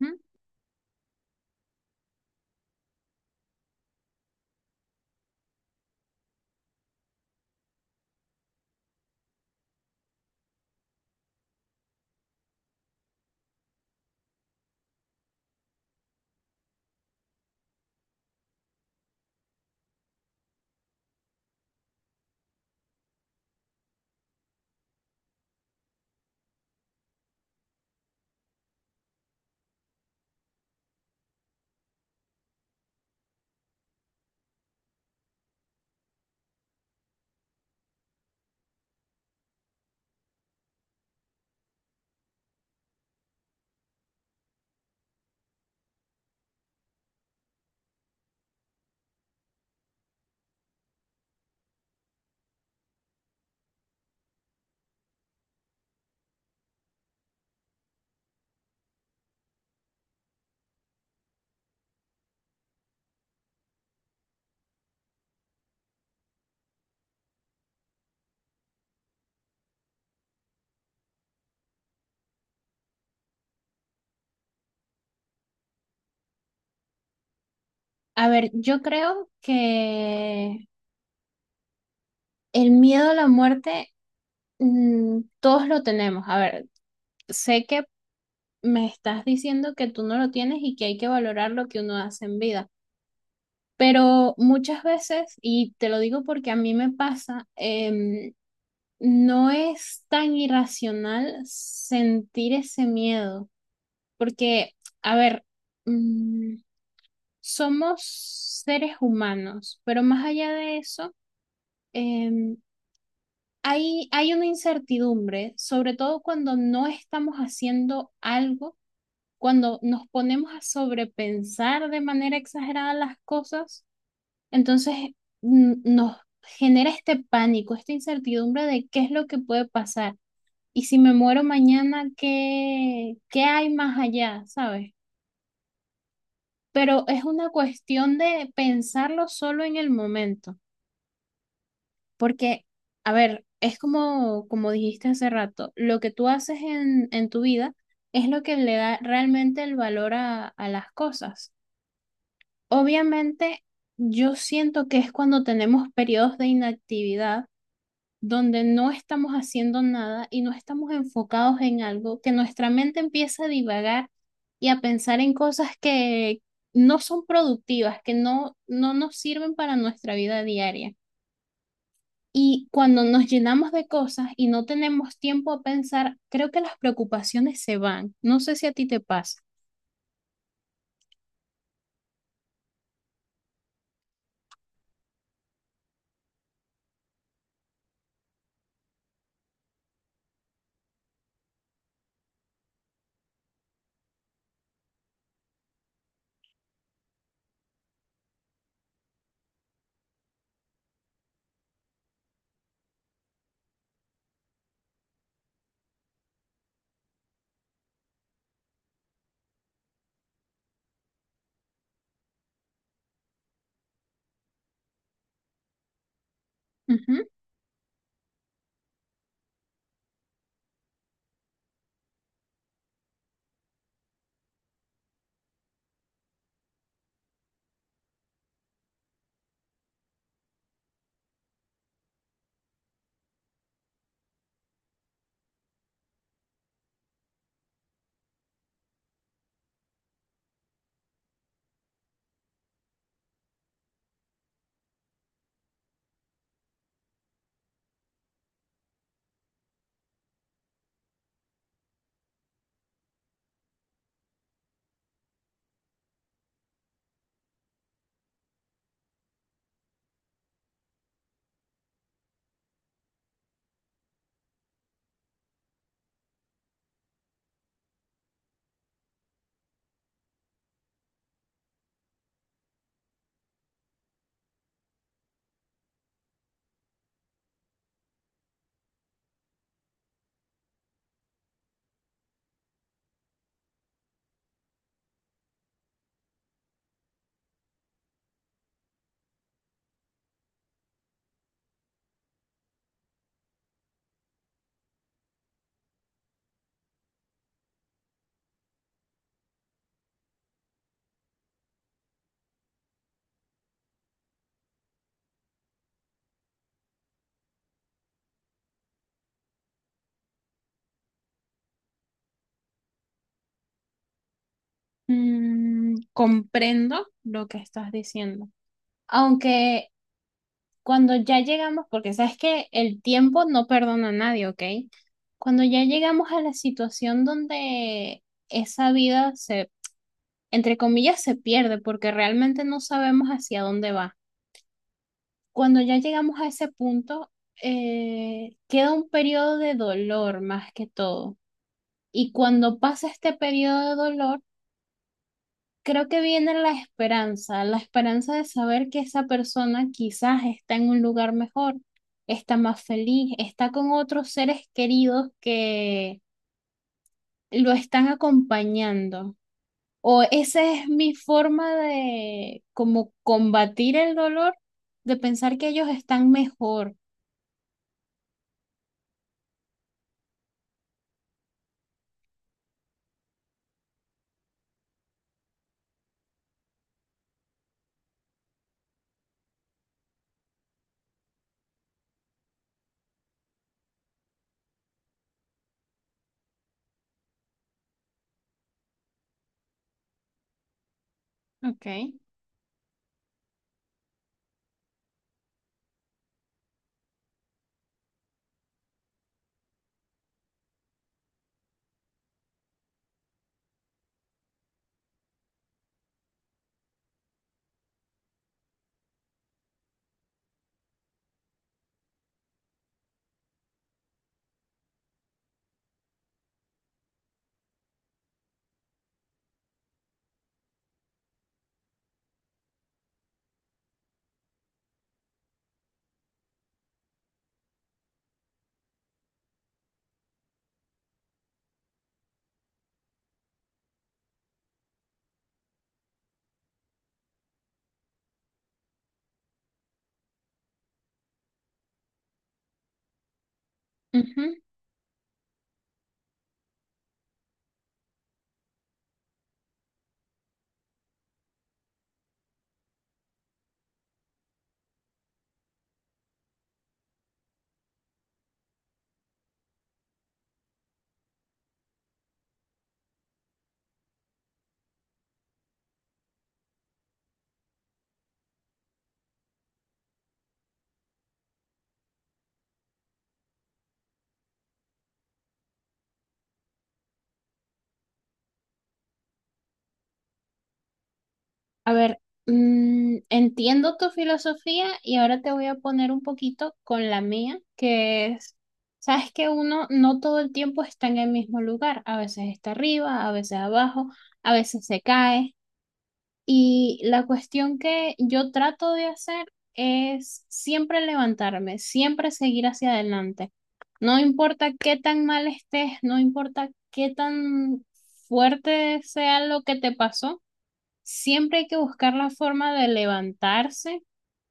Ujú. A ver, yo creo que el miedo a la muerte, todos lo tenemos. A ver, sé que me estás diciendo que tú no lo tienes y que hay que valorar lo que uno hace en vida, pero muchas veces, y te lo digo porque a mí me pasa, no es tan irracional sentir ese miedo, porque, a ver, mm, somos seres humanos, pero más allá de eso, em, hay una incertidumbre, sobre todo cuando no estamos haciendo algo, cuando nos ponemos a sobrepensar de manera exagerada las cosas, entonces nos genera este pánico, esta incertidumbre de qué es lo que puede pasar y si me muero mañana, ¿qué hay más allá, sabes? Pero es una cuestión de pensarlo solo en el momento. Porque, a ver, es como, como dijiste hace rato, lo que tú haces en tu vida es lo que le da realmente el valor a las cosas. Obviamente, yo siento que es cuando tenemos periodos de inactividad donde no estamos haciendo nada y no estamos enfocados en algo, que nuestra mente empieza a divagar y a pensar en cosas que no son productivas, que no nos sirven para nuestra vida diaria. Y cuando nos llenamos de cosas y no tenemos tiempo a pensar, creo que las preocupaciones se van. No sé si a ti te pasa. Ujú. Comprendo lo que estás diciendo. Aunque cuando ya llegamos, porque sabes que el tiempo no perdona a nadie, ¿ok? Cuando ya llegamos a la situación donde esa vida se, entre comillas, se pierde porque realmente no sabemos hacia dónde va. Cuando ya llegamos a ese punto, queda un periodo de dolor más que todo. Y cuando pasa este periodo de dolor, creo que viene la esperanza de saber que esa persona quizás está en un lugar mejor, está más feliz, está con otros seres queridos que lo están acompañando. O esa es mi forma de como combatir el dolor, de pensar que ellos están mejor. Ok. Ujú. A ver, entiendo tu filosofía y ahora te voy a poner un poquito con la mía, que es, sabes que uno no todo el tiempo está en el mismo lugar, a veces está arriba, a veces abajo, a veces se cae. Y la cuestión que yo trato de hacer es siempre levantarme, siempre seguir hacia adelante. No importa qué tan mal estés, no importa qué tan fuerte sea lo que te pasó. Siempre hay que buscar la forma de levantarse,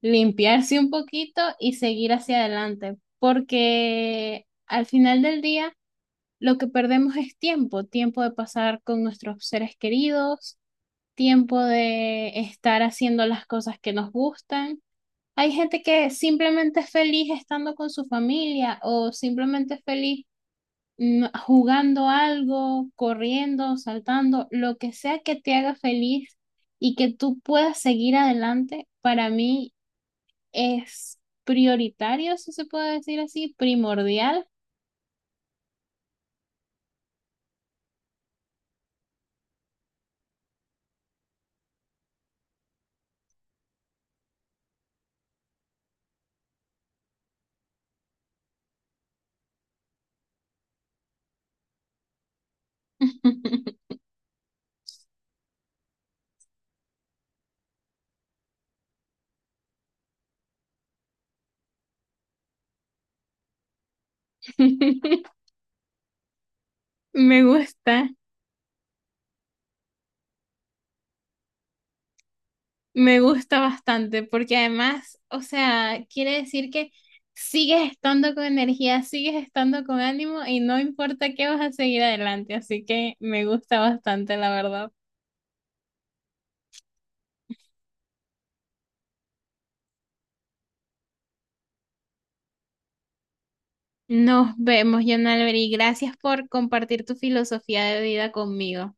limpiarse un poquito y seguir hacia adelante, porque al final del día lo que perdemos es tiempo, tiempo de pasar con nuestros seres queridos, tiempo de estar haciendo las cosas que nos gustan. Hay gente que simplemente es feliz estando con su familia o simplemente es feliz jugando algo, corriendo, saltando, lo que sea que te haga feliz y que tú puedas seguir adelante, para mí es prioritario, si se puede decir así, primordial. Me gusta, me gusta bastante, porque además, o sea, quiere decir que sigues estando con energía, sigues estando con ánimo y no importa qué vas a seguir adelante, así que me gusta bastante, la verdad. Nos vemos, Jan Albert, gracias por compartir tu filosofía de vida conmigo.